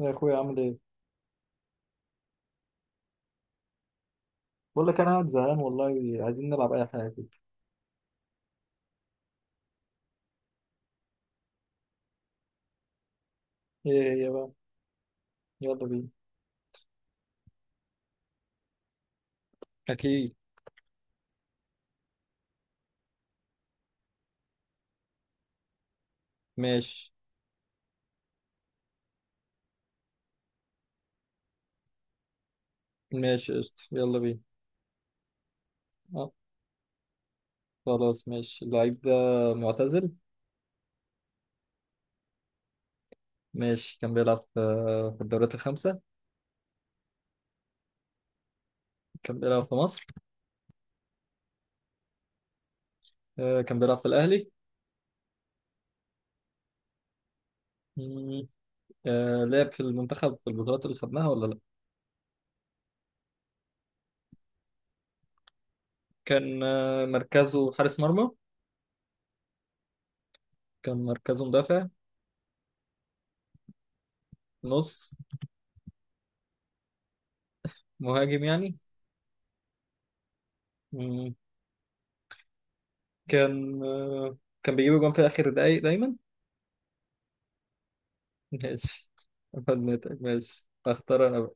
يا اخويا، عامل ايه؟ بقول لك انا قاعد زهقان والله. عايزين نلعب اي حاجه كده. ايه هي بقى؟ يلا بينا. أكيد. ماشي، ماشي، قشطة، يلا بينا. أه، خلاص، ماشي اللعيب ده معتزل. ماشي، كان بيلعب في الدوريات الخمسة. كان بيلعب في مصر. كان بيلعب في الأهلي. مم. لعب في المنتخب في البطولات اللي خدناها ولا لأ؟ كان مركزه حارس مرمى. كان مركزه مدافع. نص. مهاجم يعني. مم. كان آه، كان بيجيب جون في آخر دقايق دايما. ماشي، خدمتك، ماشي اختار انا بقى.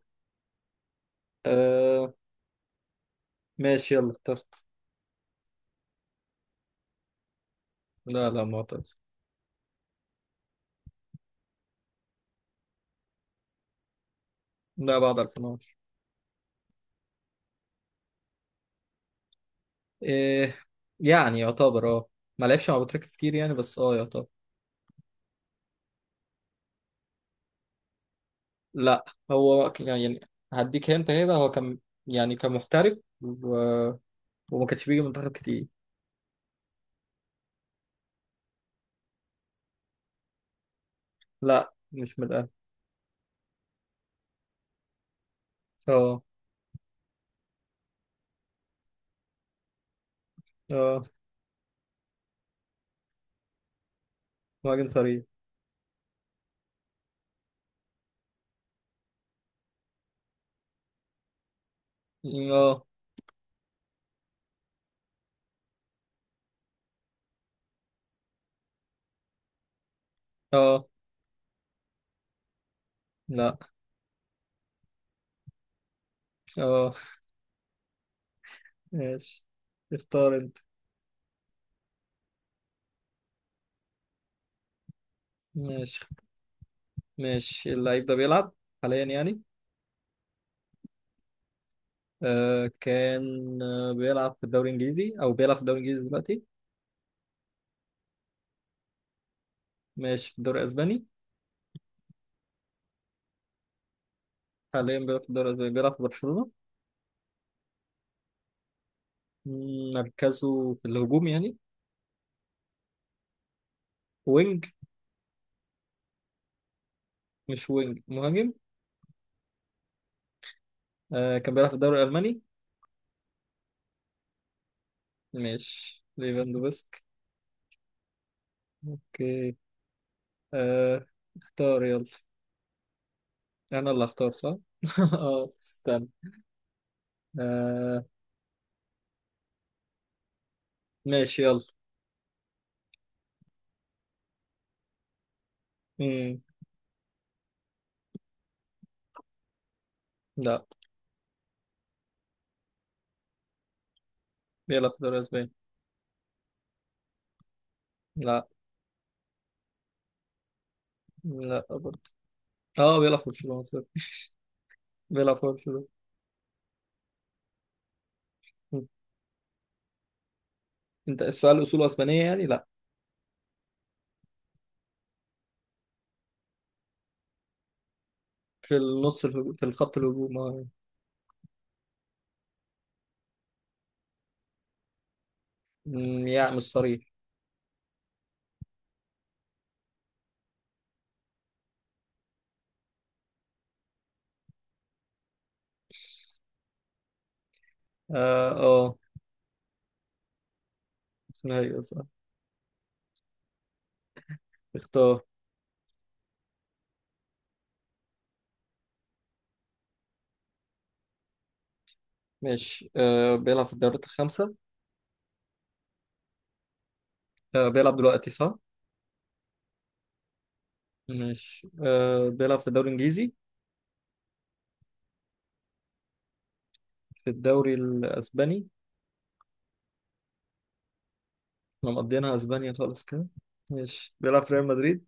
آه ماشي، يلا اخترت. لا، لا، معتز. لا، بعد 2011. إيه يعني، يعتبر ما لعبش مع بوتريكة كتير يعني، بس يعتبر. لا، هو يعني هديك هنت كده، هو كان، يعني كان محترف وما كانش بيجي منتخب كتير. لا، مش من الاهلي. اه، اه. مهاجم صريح. اه، اه، لا، اه. ماشي، اختار انت. ماشي، ماشي، اللعيب ده بيلعب حاليا يعني. كان بيلعب في الدوري الانجليزي، او بيلعب في الدوري الانجليزي دلوقتي. ماشي، في الدوري الاسباني. حاليا بيلعب في الدوري الاسباني، بيلعب في برشلونة. مركزه في الهجوم يعني. وينج. مش وينج، مهاجم. كان بيلعب في الدوري الالماني. ماشي، ليفاندوفسك. اوكي. آه. اختار، يلا. انا اللي اختار، صح؟ اه، استنى. آه، ماشي يلا. مم. لا. بيلعب في الدوري الاسباني. لا، لا برضه. اه، بيلعب في برشلونة صح. بيلعب في برشلونة. مم. انت السؤال اصوله اسبانية يعني؟ لا. في في الخط الهجوم، اه. يعني مش صريح. اه، اه. ايوه، صح. اختار. ماشي، بيلعب في الدوريات الخمسة. بيلعب دلوقتي صح. ماشي، بيلعب في الدوري الانجليزي. في الدوري الاسباني. احنا مقضيينها اسبانيا خالص كده. ماشي، بيلعب في ريال مدريد.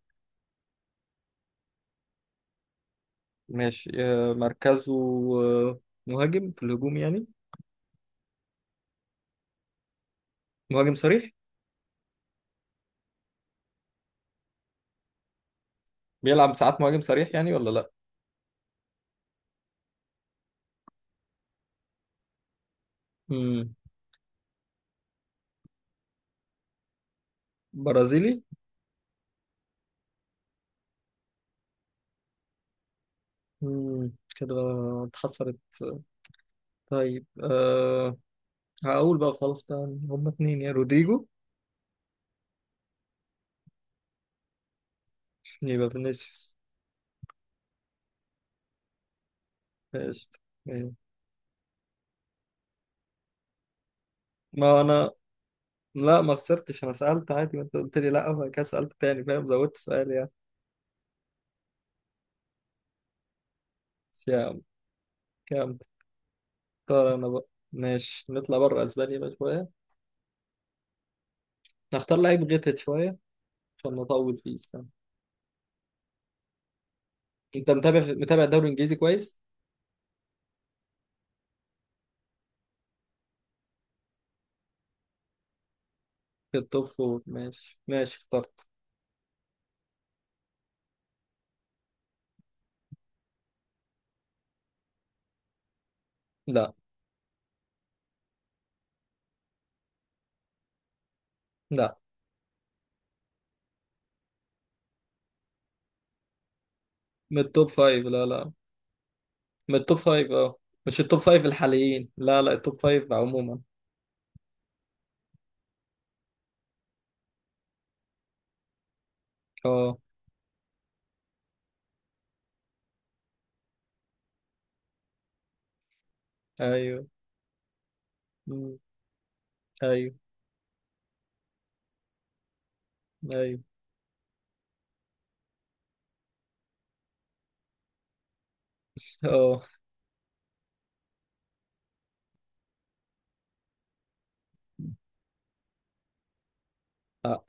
ماشي، مركزه آه مهاجم، في الهجوم يعني. مهاجم صريح. بيلعب ساعات مهاجم صريح يعني ولا؟ لا. برازيلي. مم، كده. اتحسرت. طيب. هقول بقى خلاص بقى إن هما اتنين، يا رودريجو يبقى فينيسيوس. قشطة. أيوة. ما أنا، لا ما خسرتش أنا، سألت عادي. ما أنت قلت لي لا، وبعد كده سألت تاني، فاهم، زودت سؤال يعني. بس يا عم، كام. اختار أنا بقى. ماشي، نطلع بره أسبانيا بقى شوية، نختار لعيب غتت شوية، عشان نطول فيه، استنى. أنت متابع متابع الدوري الإنجليزي كويس؟ في التوب فور، ماشي. ماشي اخترت. لا، لا، من التوب فايف. لا، لا، من التوب فايف، اه. مش التوب فايف الحاليين، لا، لا، التوب فايف عموما، اه. ايوه. مم. ايوه. ايوه، اه. لا.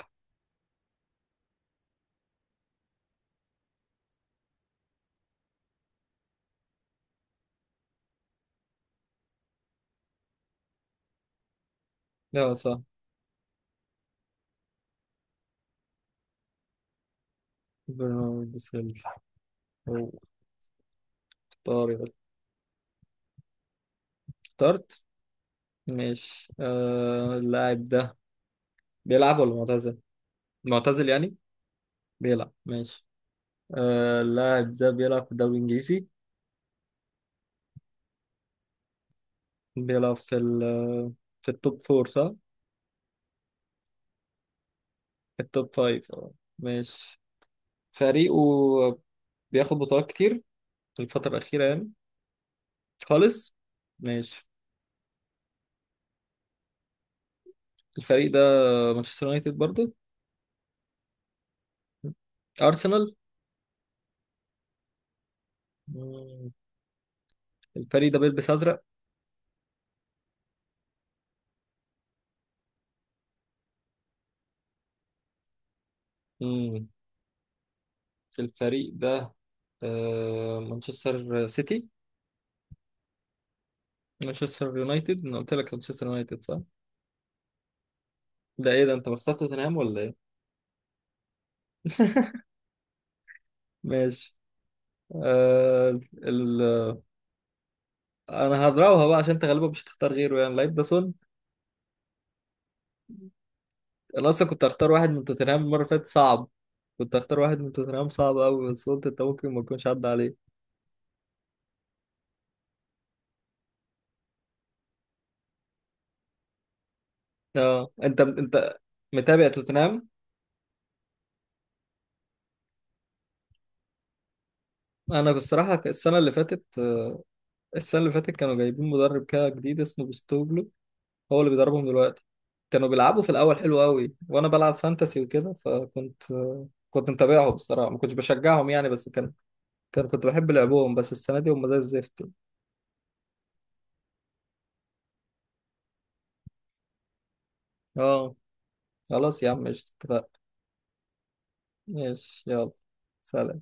لا، صح. برناردو سيلفا، هو. اختار. اخترت. ماشي، اللاعب ده بيلعب ولا معتزل؟ معتزل يعني؟ بيلعب، ماشي. اللاعب ده بيلعب في الدوري الانجليزي. بيلعب في في التوب فور صح؟ في التوب فايف، اه. ماشي، فريقه بياخد بطولات كتير الفترة الأخيرة يعني. خالص. ماشي، الفريق ده مانشستر يونايتد برضه؟ أرسنال؟ مم. الفريق ده بيلبس أزرق. مم. الفريق ده مانشستر سيتي. مانشستر يونايتد، أنا قلت لك مانشستر يونايتد صح؟ ده إيه ده؟ أنت مختار توتنهام ولا إيه؟ ماشي. آه ال... أنا هضربها بقى، عشان أنت غالبا مش هتختار غيره، يعني لعيب ده سون. أنا أصلا كنت هختار واحد من توتنهام المرة اللي فاتت، صعب. كنت هختار واحد من توتنهام صعب أوي، بس قلت أنت ممكن ما تكونش عدى عليك. اه، انت متابع توتنهام. انا بصراحه، السنه اللي فاتت كانوا جايبين مدرب كده جديد اسمه بوستوجلو، هو اللي بيدربهم دلوقتي. كانوا بيلعبوا في الاول حلو قوي، وانا بلعب فانتسي وكده، كنت متابعهم بصراحه، ما كنتش بشجعهم يعني، بس كان كان كنت بحب لعبهم، بس السنه دي هم زي الزفت. اه، خلاص يا عم، قشطة، اتفقنا. ماشي، يلا. سلام.